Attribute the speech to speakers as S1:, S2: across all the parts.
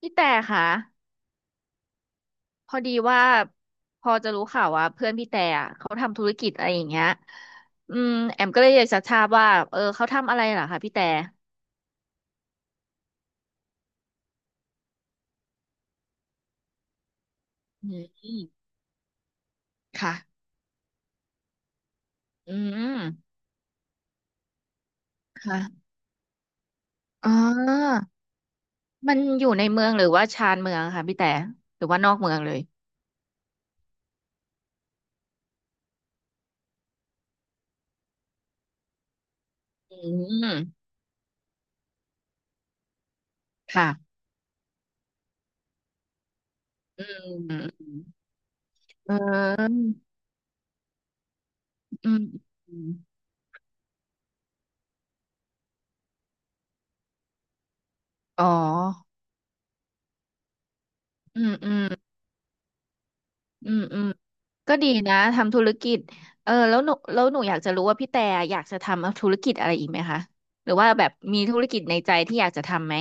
S1: พี่แต่ค่ะพอดีว่าพอจะรู้ข่าวว่าเพื่อนพี่แต่อะเขาทำธุรกิจอะไรอย่างเงี้ยอืมแอมก็เลยอยากจะทราบว่าเขาทำอะไรเหรอคะพี่แต่อืมค่ะอืมค่ะอ๋อมันอยู่ในเมืองหรือว่าชานเมืองค่ะพี่แต่หรือว่านอกเมืองเลยอืมค่ะอืมอืมอืมเอออืมอืมอ๋ออืมอืม อืมอืมก็ดีนะทำธุรกิจเออแล้วหนูอยากจะรู้ว่าพี่แต่อยากจะทำธุรกิจอะไรอีกไหมคะหรือว่าแบบมีธุรกิจในใจที่อยากจะทำไหม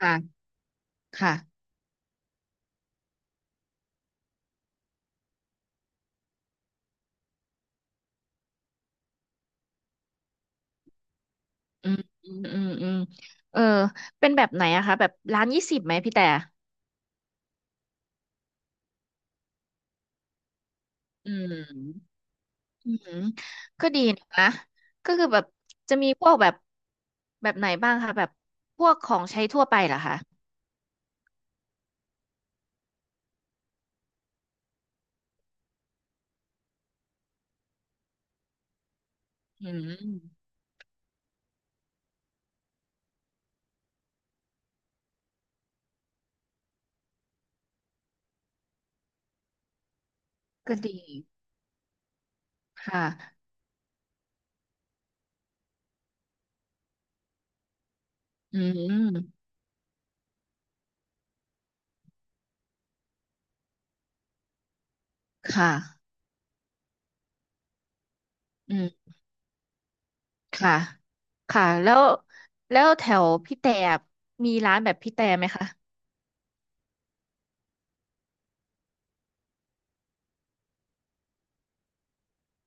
S1: ค่ะค่ะอืมอืมอืมอืมเออเป็นแบบไหนอะคะแบบร้าน20ไหมพี่แต่อืมอืมก็ดีนะคะก็คือแบบจะมีพวกแบบแบบไหนบ้างคะแบบพวกของใช้ทั่วไปเหรอคะอืมก็ดีค่ะอืมค่ะอืม ค่ะค่ะแล้วแถวพี่แต่มีร้านแบบพี่แต่ไหมคะ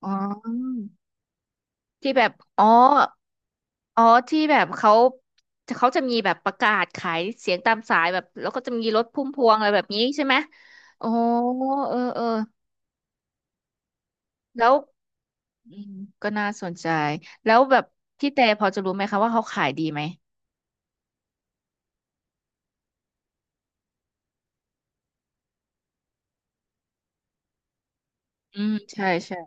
S1: อ๋อที่แบบอ๋ออ๋อที่แบบเขาจะมีแบบประกาศขายเสียงตามสายแบบแล้วก็จะมีรถพุ่มพวงอะไรแบบนี้ใช่ไหมอ๋อเออเออแล้วอืมก็น่าสนใจแล้วแบบพี่แต่พอจะรู้ไหมคะว่าเขาขายดีไหมอืมใช่ใช่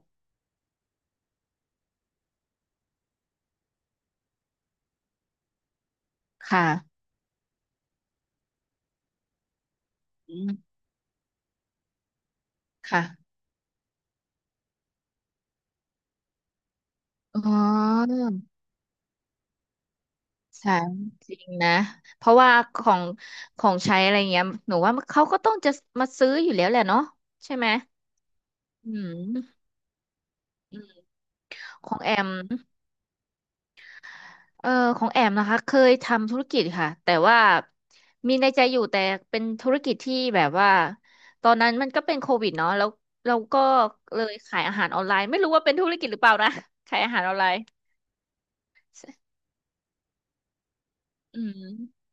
S1: ค่ะอืมค่ะอ๋อ ใช่จริงนะเพราะว่าของของใช้อะไรเงี้ยหนูว่าเขาก็ต้องจะมาซื้ออยู่แล้วแหละเนาะใช่ไหมอืมอืมของแอมเออของแอมนะคะเคยทำธุรกิจค่ะแต่ว่ามีในใจอยู่แต่เป็นธุรกิจที่แบบว่าตอนนั้นมันก็เป็นโควิดเนาะแล้วเราก็เลยขายอาหารออนไลน์ไม่รู้ว่าเป็นธุรกิจหรือเปล่านะ ขายอาหารออนไลน์อืม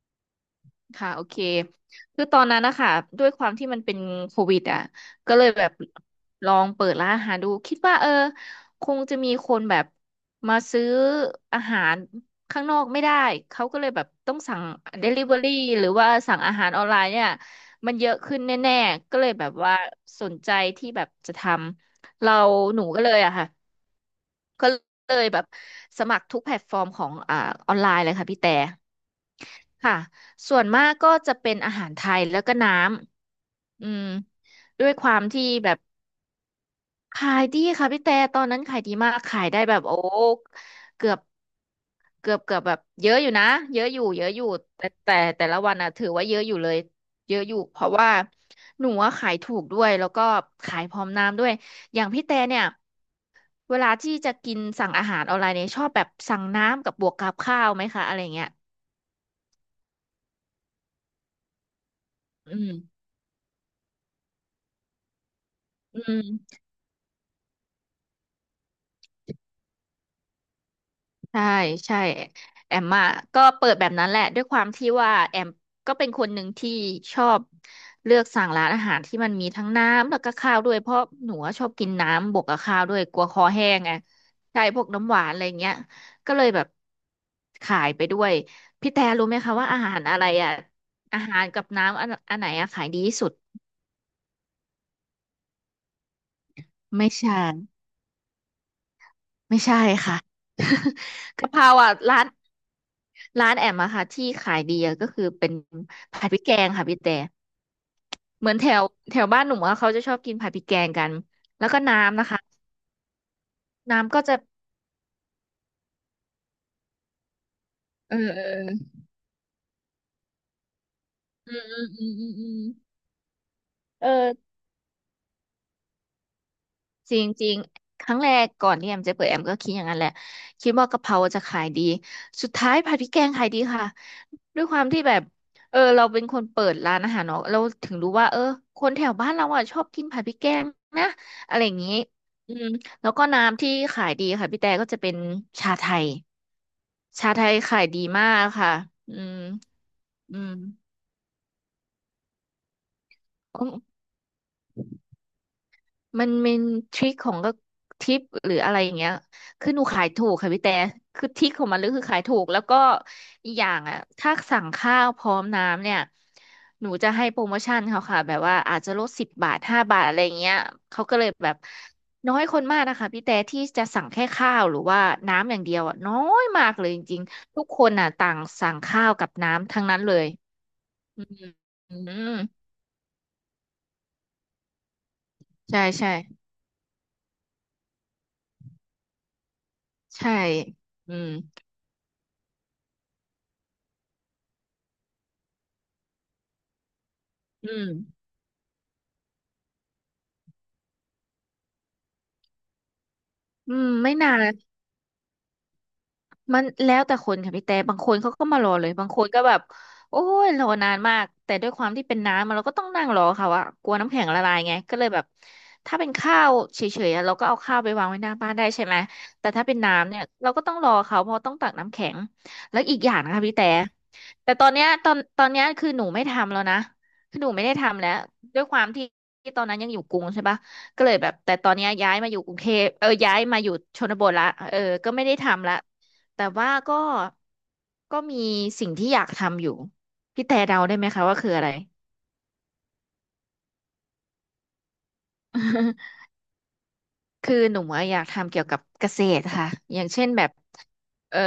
S1: ค่ะโอเคคือตอนนั้นนะคะด้วยความที่มันเป็นโควิดอ่ะก็เลยแบบลองเปิดร้านอาหารดูคิดว่าเออคงจะมีคนแบบมาซื้ออาหารข้างนอกไม่ได้เขาก็เลยแบบต้องสั่ง Delivery หรือว่าสั่งอาหารออนไลน์เนี่ยมันเยอะขึ้นแน่ๆก็เลยแบบว่าสนใจที่แบบจะทำเราหนูก็เลยอะค่ะก็เลยแบบสมัครทุกแพลตฟอร์มของออนไลน์เลยค่ะพี่แต่ ค่ะส่วนมากก็จะเป็นอาหารไทยแล้วก็น้ำอืมด้วยความที่แบบขายดีค่ะพี่แต่ตอนนั้นขายดีมากขายได้แบบโอ้เกือบเกือบแบบเยอะอยู่นะเยอะอยู่เยอะอยู่แต่ละวันอ่ะถือว่าเยอะอยู่เลยเยอะอยู่เพราะว่าหนูอะขายถูกด้วยแล้วก็ขายพร้อมน้ำด้วยอย่างพี่แต่เนี่ยเวลาที่จะกินสั่งอาหารออนไลน์เนี่ยชอบแบบสั่งน้ำกับบวกกับข้าวไหมคะอะไรเงี้ยอืมอืม ใช่ใช่แอมอ่ะก็เปิดแบบนั้นแหละด้วยความที่ว่าแอมก็เป็นคนหนึ่งที่ชอบเลือกสั่งร้านอาหารที่มันมีทั้งน้ำแล้วก็ข้าวด้วยเพราะหนูอะชอบกินน้ำบวกกับข้าวด้วยกลัวคอแห้งไงใช่พวกน้ำหวานอะไรเงี้ยก็เลยแบบขายไปด้วยพี่แต่รู้ไหมคะว่าอาหารอะไรอ่ะอาหารกับน้ำอันไหนอะขายดีที่สุดไม่ใช่ไม่ใช่ค่ะ กะเพราอ่ะร้าน ร้านแอมอะค่ะที่ขายดีอะก็คือเป็นผัดพริกแกงค่ะพี่แต่เหมือนแถวแถวบ้านหนูอะเขาจะชอบกินผัดพริกแกงกันแล้วก็น้ำนะคะน้ำก็จะเออเออเอออืมอืมอืมอืมอืมเออ จริงๆ ครั้งแรกก่อนที่แอมจะเปิดแอมก็คิดอย่างนั้นแหละคิดว่ากะเพราจะขายดีสุดท้ายผัดพริกแกงขายดีค่ะด้วยความที่แบบเออเราเป็นคนเปิดร้านอาหารเนาะเราถึงรู้ว่าเออคนแถวบ้านเราอ่ะชอบกินผัดพริกแกงนะอะไรอย่างนี้อืมแล้วก็น้ำที่ขายดีค่ะพี่แต่ก็จะเป็นชาไทยชาไทยขายดีมากค่ะอืมอืม มันเป็นทริคของก็ทิปหรืออะไรอย่างเงี้ยคือหนูขายถูกค่ะพี่แต่คือทริคของมันเลยคือขายถูกแล้วก็อีกอย่างอ่ะถ้าสั่งข้าวพร้อมน้ำเนี่ยหนูจะให้โปรโมชั่นเขาค่ะแบบว่าอาจจะลด10 บาท5 บาทอะไรอย่างเงี้ยเขาก็เลยแบบน้อยคนมากนะคะพี่แต่ที่จะสั่งแค่ข้าวหรือว่าน้ำอย่างเดียวอ่ะน้อยมากเลยจริงๆทุกคนอ่ะต่างสั่งข้าวกับน้ำทั้งนั้นเลยอืมอืมใช่ใช่ใช่อืมอืม อืมไม่นาน มันแล้วแต่คนค่ะพี่แต่บางคนเขาก็มารอเลยบางคนก็แบบโอ้ยรอนานมากแต่ด้วยความที่เป็นน้ำอะเราก็ต้องนั่งรอเขาอะว่ากลัวน้ำแข็งละลายไงก็เลยแบบถ้าเป็นข้าวเฉยๆอะเราก็เอาข้าวไปวางไว้หน้าบ้านได้ใช่ไหมแต่ถ้าเป็นน้ำเนี่ยเราก็ต้องรอเขาเพราะต้องตักน้ำแข็งแล้วอีกอย่างนะคะพี่แต่แต่ตอนเนี้ยตอนเนี้ยคือหนูไม่ทำแล้วนะคือหนูไม่ได้ทำแล้วด้วยความที่ที่ตอนนั้นยังอยู่กรุงใช่ปะก็เลยแบบแต่ตอนเนี้ยย้ายมาอยู่กรุงเทพเออย้ายมาอยู่ชนบทละเออก็ไม่ได้ทำละ แต่ว่าก็ก็มีสิ่งที่อยากทำอยู่พี่แต่เดาได้ไหมคะว่าคืออะไร คือหนูอะอยากทำเกี่ยวกับเกษตรค่ะอย่างเช่นแบบเออ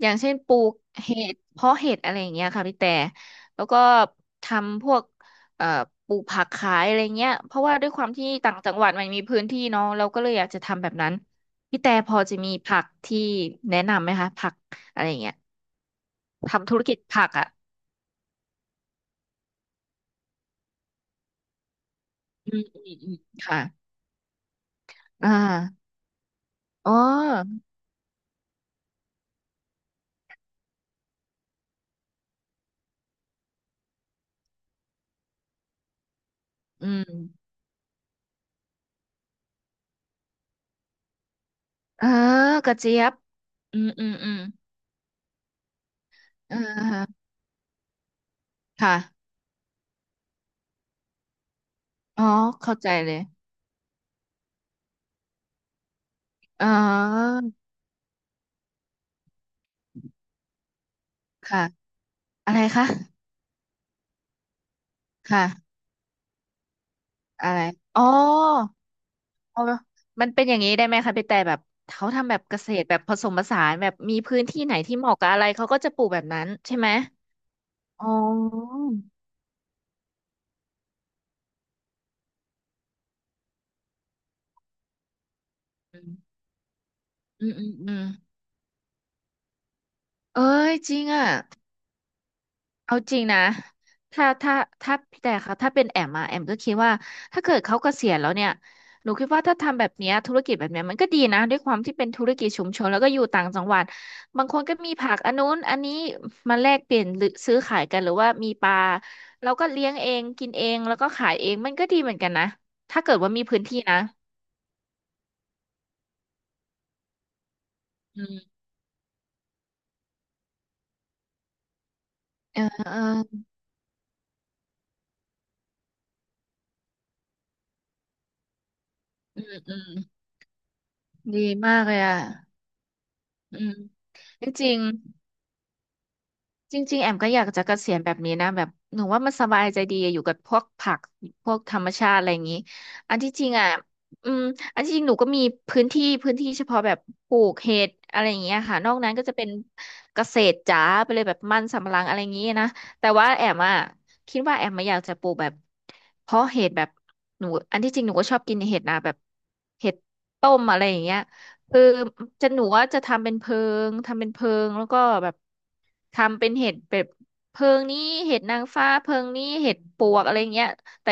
S1: อย่างเช่นปลูกเห็ดเพาะเห็ดอะไรอย่างเงี้ยค่ะพี่แต่แล้วก็ทำพวกเอ่อปลูกผักขายอะไรเงี้ยเพราะว่าด้วยความที่ต่างจังหวัดมันมีพื้นที่เนาะเราก็เลยอยากจะทำแบบนั้นพี่แต่พอจะมีผักที่แนะนำไหมคะผักอะไรอย่างเงี้ยทำธุรกิจผักอ่ะอืมอืมอืมค่ะ อ่าอ๋ออืมเออกระเจี๊ยบอืมอืมอืมเออค่ะอ๋อเข้าใจเลยอ๋อค่ะอะไรคะค่ะอะไรอ๋อเอามันเป็นอย่างนี้ได้ไหมคะพี่แต่แบบเขาทำแบบเกษตรแบบผสมผสานแบบมีพื้นที่ไหนที่เหมาะกับอะไรเขาก็จะปลูกแบบนั้นใช่ไหมอ๋ออืมอืมอืมอืมเอ้ยจริงอ่ะ เอาจริงนะ ถ้าถ้าถ้าพี่แต่ค่ะถ้าเป็นแอมอะแอมก็คิดว่าถ้าเกิดเขาเกษียณแล้วเนี่ยหนูคิดว่าถ้าทำแบบเนี้ยธุรกิจแบบเนี้ยมันก็ดีนะด้วยความที่เป็นธุรกิจชุมชนแล้วก็อยู่ต่างจังหวัดบางคนก็มีผักอันนู้นอันนี้มาแลกเปลี่ยนหรือซื้อขายกันหรือว่ามีปลาเราก็เลี้ยงเองกินเองแล้วก็ขายเองมันก็ดีเหมือนกันนะถ้าเกิดว่ามีพื้นที่นะอืมเออเอออืมอืมดีมากเลยอ่ะอืมจริงๆ จริงๆแอมก็อยากจะเกษียณแบบนี้นะแบบหนูว่ามันสบายใจดีอยู่กับพวกผักพวกธรรมชาติอะไรอย่างนี้อันที่จริงอ่ะอืมอันที่จริงหนูก็มีพื้นที่เฉพาะแบบปลูกเห็ดอะไรอย่างเงี้ยค่ะนอกนั้นก็จะเป็นเกษตรจ๋าไปเลยแบบมันสำปะหลังอะไรอย่างงี้นะแต่ว่าแอมอ่ะคิดว่าแอมมาอยากจะปลูกแบบเพาะเห็ดแบบหนูอันที่จริงหนูก็ชอบกินเห็ดนะแบบเห็ดต้มอะไรอย่างเงี้ย เออจะหนูว่าจะทำเป็นเพิงทำเป็นเพิงแล้วก็แบบทำเป็นเห็ดแบบเพิงนี้เห็ดนางฟ้าเพิงนี้เห็ดปวกอะไรเงี้ยแต่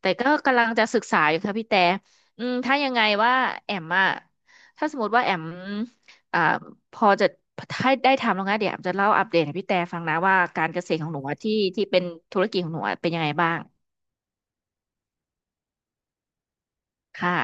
S1: แต่ก็กำลังจะศึกษาอยู่ค่ะพี่แต่อืมถ้ายังไงว่าแอมอะถ้าสมมติว่าแอมอ่าพอจะถ้าได้ทำแล้วนะเดี๋ยวแอมจะเล่าอัปเดตให้พี่แต่ฟังนะว่าการเกษตรของหนูอะที่เป็นธุรกิจของหนูอะเป็นยังไงบ้างค่ะ